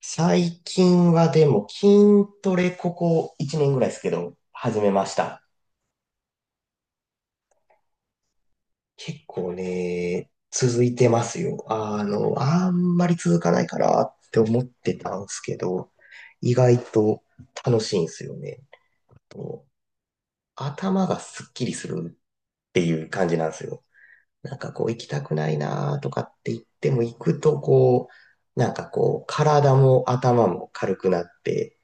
最近はでも筋トレここ1年ぐらいですけど、始めました。結構ね、続いてますよ。あんまり続かないかなって思ってたんですけど、意外と楽しいんですよね。と頭がすっきりするっていう感じなんですよ。なんかこう行きたくないなとかって言っても行くとこう、なんかこう体も頭も軽くなって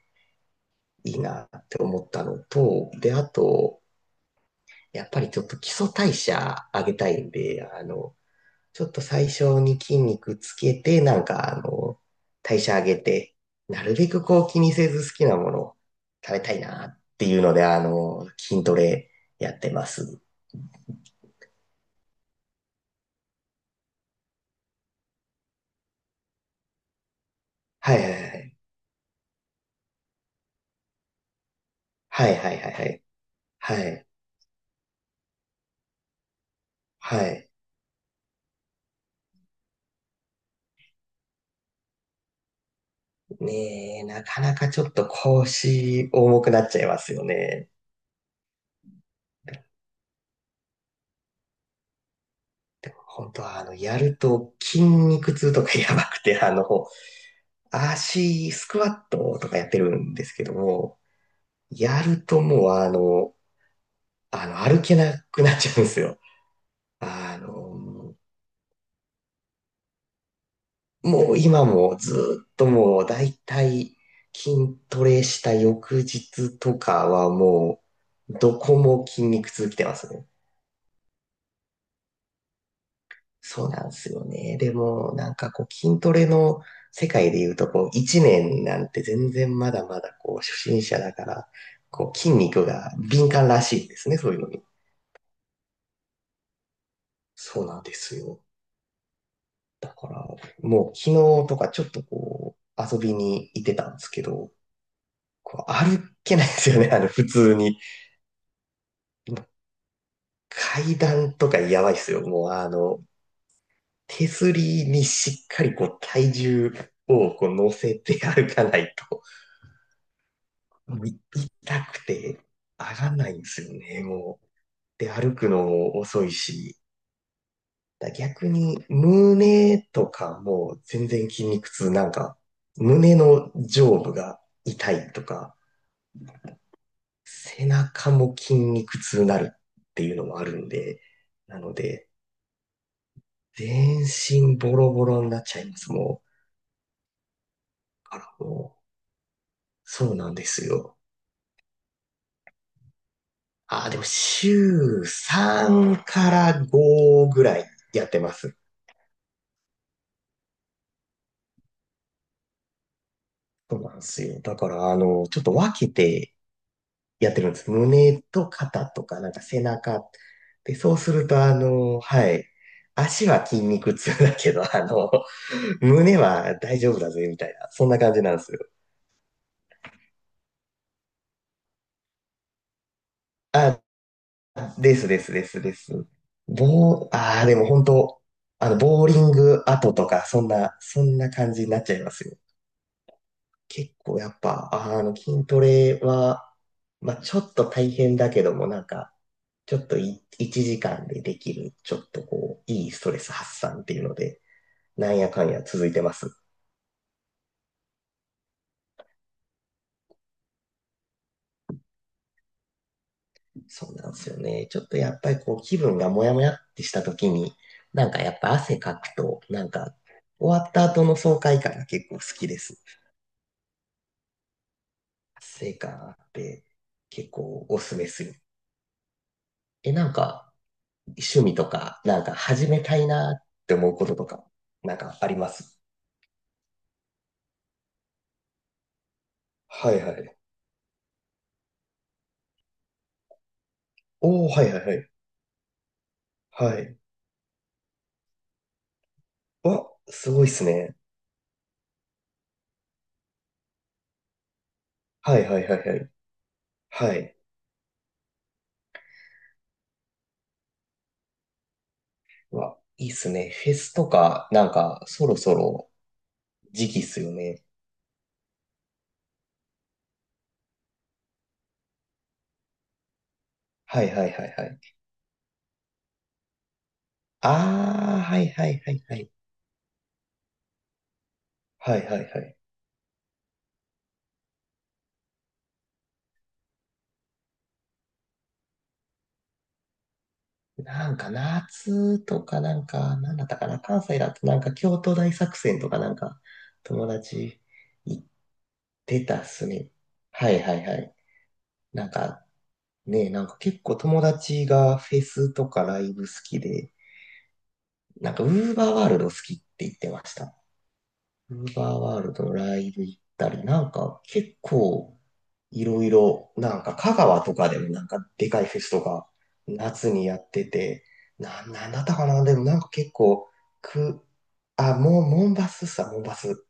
いいなって思ったのと、で、あと、やっぱりちょっと基礎代謝上げたいんで、ちょっと最初に筋肉つけて、なんか、代謝上げて、なるべくこう気にせず好きなものを食べたいなっていうので、筋トレやってます。はいはいはい。はいはいはいはい。はい。はい。ねえ、なかなかちょっと腰重くなっちゃいますよね。本当は、やると筋肉痛とかやばくて、足、スクワットとかやってるんですけども、やるともう歩けなくなっちゃうんですよ。あの、もう今もずっともうだいたい筋トレした翌日とかはもう、どこも筋肉痛きてますね。そうなんですよね。でも、なんかこう筋トレの世界で言うと、こう1年なんて全然まだまだこう初心者だから、こう筋肉が敏感らしいですね、そういうのに。そうなんですよ。だから、もう昨日とかちょっとこう、遊びに行ってたんですけど、こう歩けないですよね、普通に。階段とかやばいっすよ。もう手すりにしっかりこう体重をこう乗せて歩かないと、もうい痛くて上がらないんですよね、もう。で、歩くのも遅いし、だ逆に、胸とかもう全然筋肉痛、なんか、胸の上部が痛いとか、背中も筋肉痛になるっていうのもあるんで、なので、全身ボロボロになっちゃいます、もう。あら、もう、そうなんですよ。あー、でも週3から5ぐらいやってます。そうなんですよ。だから、ちょっと分けてやってるんです。胸と肩とか、なんか背中。で、そうすると、はい。足は筋肉痛だけど、胸は大丈夫だぜ、みたいな。そんな感じなんですよ。あ、ですですですです。ボー、ああ、でも本当、ボーリング後とか、そんな、そんな感じになっちゃいますよ。結構やっぱ、筋トレは、まあ、ちょっと大変だけども、なんか、ちょっと1時間でできる、ちょっとこう、いいストレス発散っていうので、なんやかんや続いてます。そうなんですよね。ちょっとやっぱりこう、気分がモヤモヤってした時に、なんかやっぱ汗かくと、なんか、終わった後の爽快感が結構好きです。成果あって結構おすすめする。え、なんか、趣味とか、なんか始めたいなって思うこととか、なんかあります？はいはい。おー、はいはいはい。はい。わ、すごいっすね。はいはいはいはい。はい。うわ、いいっすね。フェスとか、なんか、そろそろ時期っすよね。はいはいはいはい。ああ、はいはいはいはい。はいはいはい。なんか夏とかなんか、なんだったかな、関西だとなんか京都大作戦とかなんか、友達行ってたっすね。はいはいはい。なんかね、なんか結構友達がフェスとかライブ好きで、なんかウーバーワールド好きって言ってました。ウーバーワールドライブ行ったり、なんか結構いろいろ、なんか香川とかでもなんかでかいフェスとか夏にやってて、なんだったかなでもなんか結構、く、あ、もう、モンバス。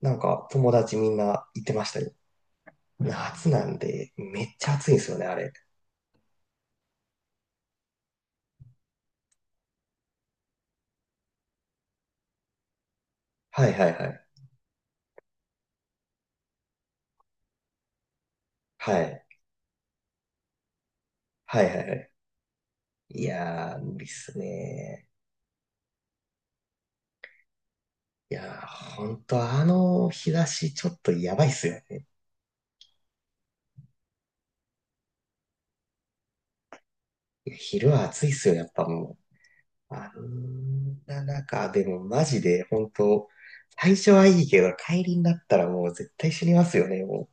なんか友達みんな行ってましたよ。夏なんでめっちゃ暑いんですよね、あれ。はいはいはい。はい。はいはいはい。いやー、無理っすね。いやー、ほんとあの日差しちょっとやばいっすよ。昼は暑いっすよ、やっぱもう。あんな中、でもマジで、本当最初はいいけど、帰りになったらもう絶対死にますよね、も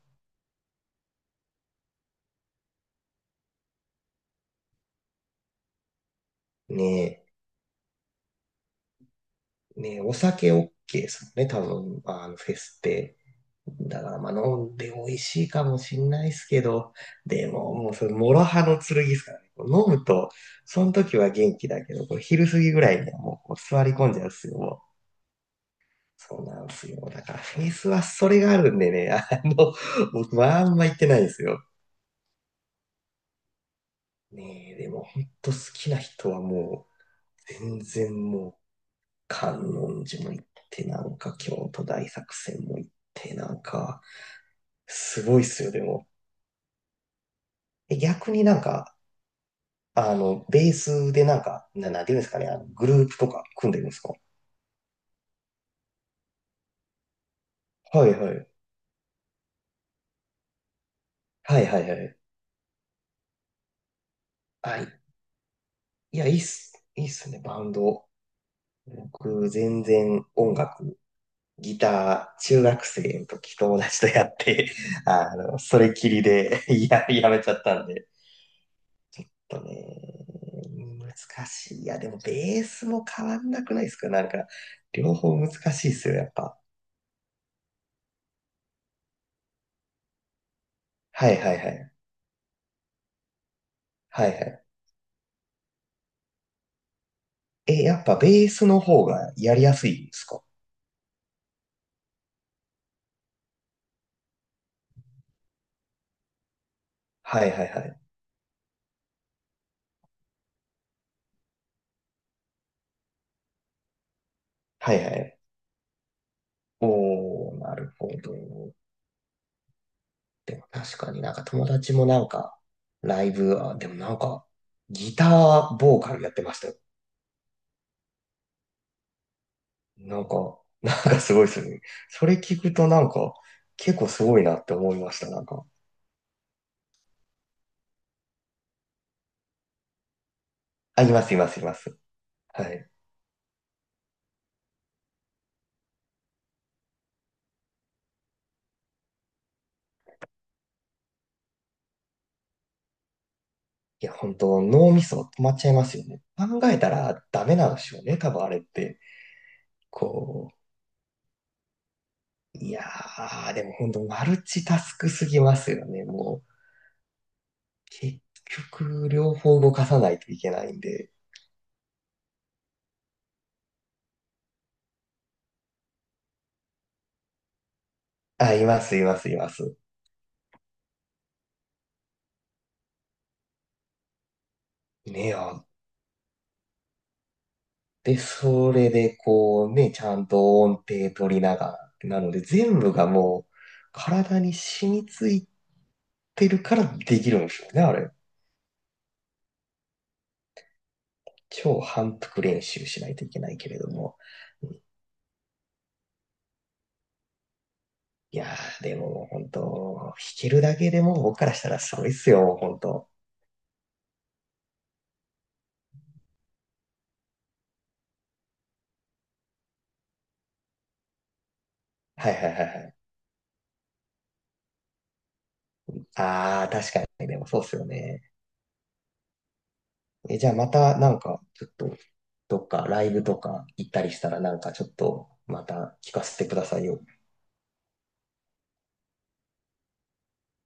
う。ねえ、お酒 OK ですもんね、多分、フェスって。だから、まあ、飲んで美味しいかもしんないっすけど、でも、もう、それ、諸刃の剣ですからね。こう飲むと、その時は元気だけど、こう昼過ぎぐらいにはもう、こう座り込んじゃうっすよ、もう。そうなんですよ。だからフェイスはそれがあるんでね、僕はあんま行ってないんですよ。ねえ、でも本当好きな人はもう、全然もう、観音寺も行って、なんか京都大作戦も行って、なんか、すごいっすよ、でも。え逆になんか、ベースでなんか、なんていうんですかね、グループとか組んでるんですか？はいはい。はいはいはい。はい。いや、いいっす。いいっすね、バンド。僕、全然音楽ギター、中学生の時友達とやって、それきりで やめちゃったんで。えっとね、難しい。いや、でもベースも変わんなくないですか？なんか、両方難しいですよ、やっぱ。はいはいはい。はいはい。え、やっぱベースの方がやりやすいんですか？はいはいはい。はいはい。おー、なるほど。でも確かになんか友達もなんか、ライブ、あ、でもなんか、ギターボーカルやってました？なんか、なんかすごいですよね。それ聞くとなんか、結構すごいなって思いました、なんか。あ、います、います、います。はい。いや、本当脳みそ止まっちゃいますよね。考えたらダメなんでしょうね、多分あれって。こいやー、でも本当マルチタスクすぎますよね、もう。結局、両方動かさないといけないんで。あ、います、います、います。ねえ、あで、それでこうね、ちゃんと音程取りながらってなので、全部がもう体に染みついてるからできるんですよね、あれ。超反復練習しないといけないけれども。うん。いやー、でも本当、弾けるだけでも僕からしたらすごいっすよ、本当。はいはいはいはい。ああ確かに、でもそうっすよね。え、じゃあまたなんか、ちょっと、どっかライブとか行ったりしたらなんかちょっと、また聞かせてくださいよ。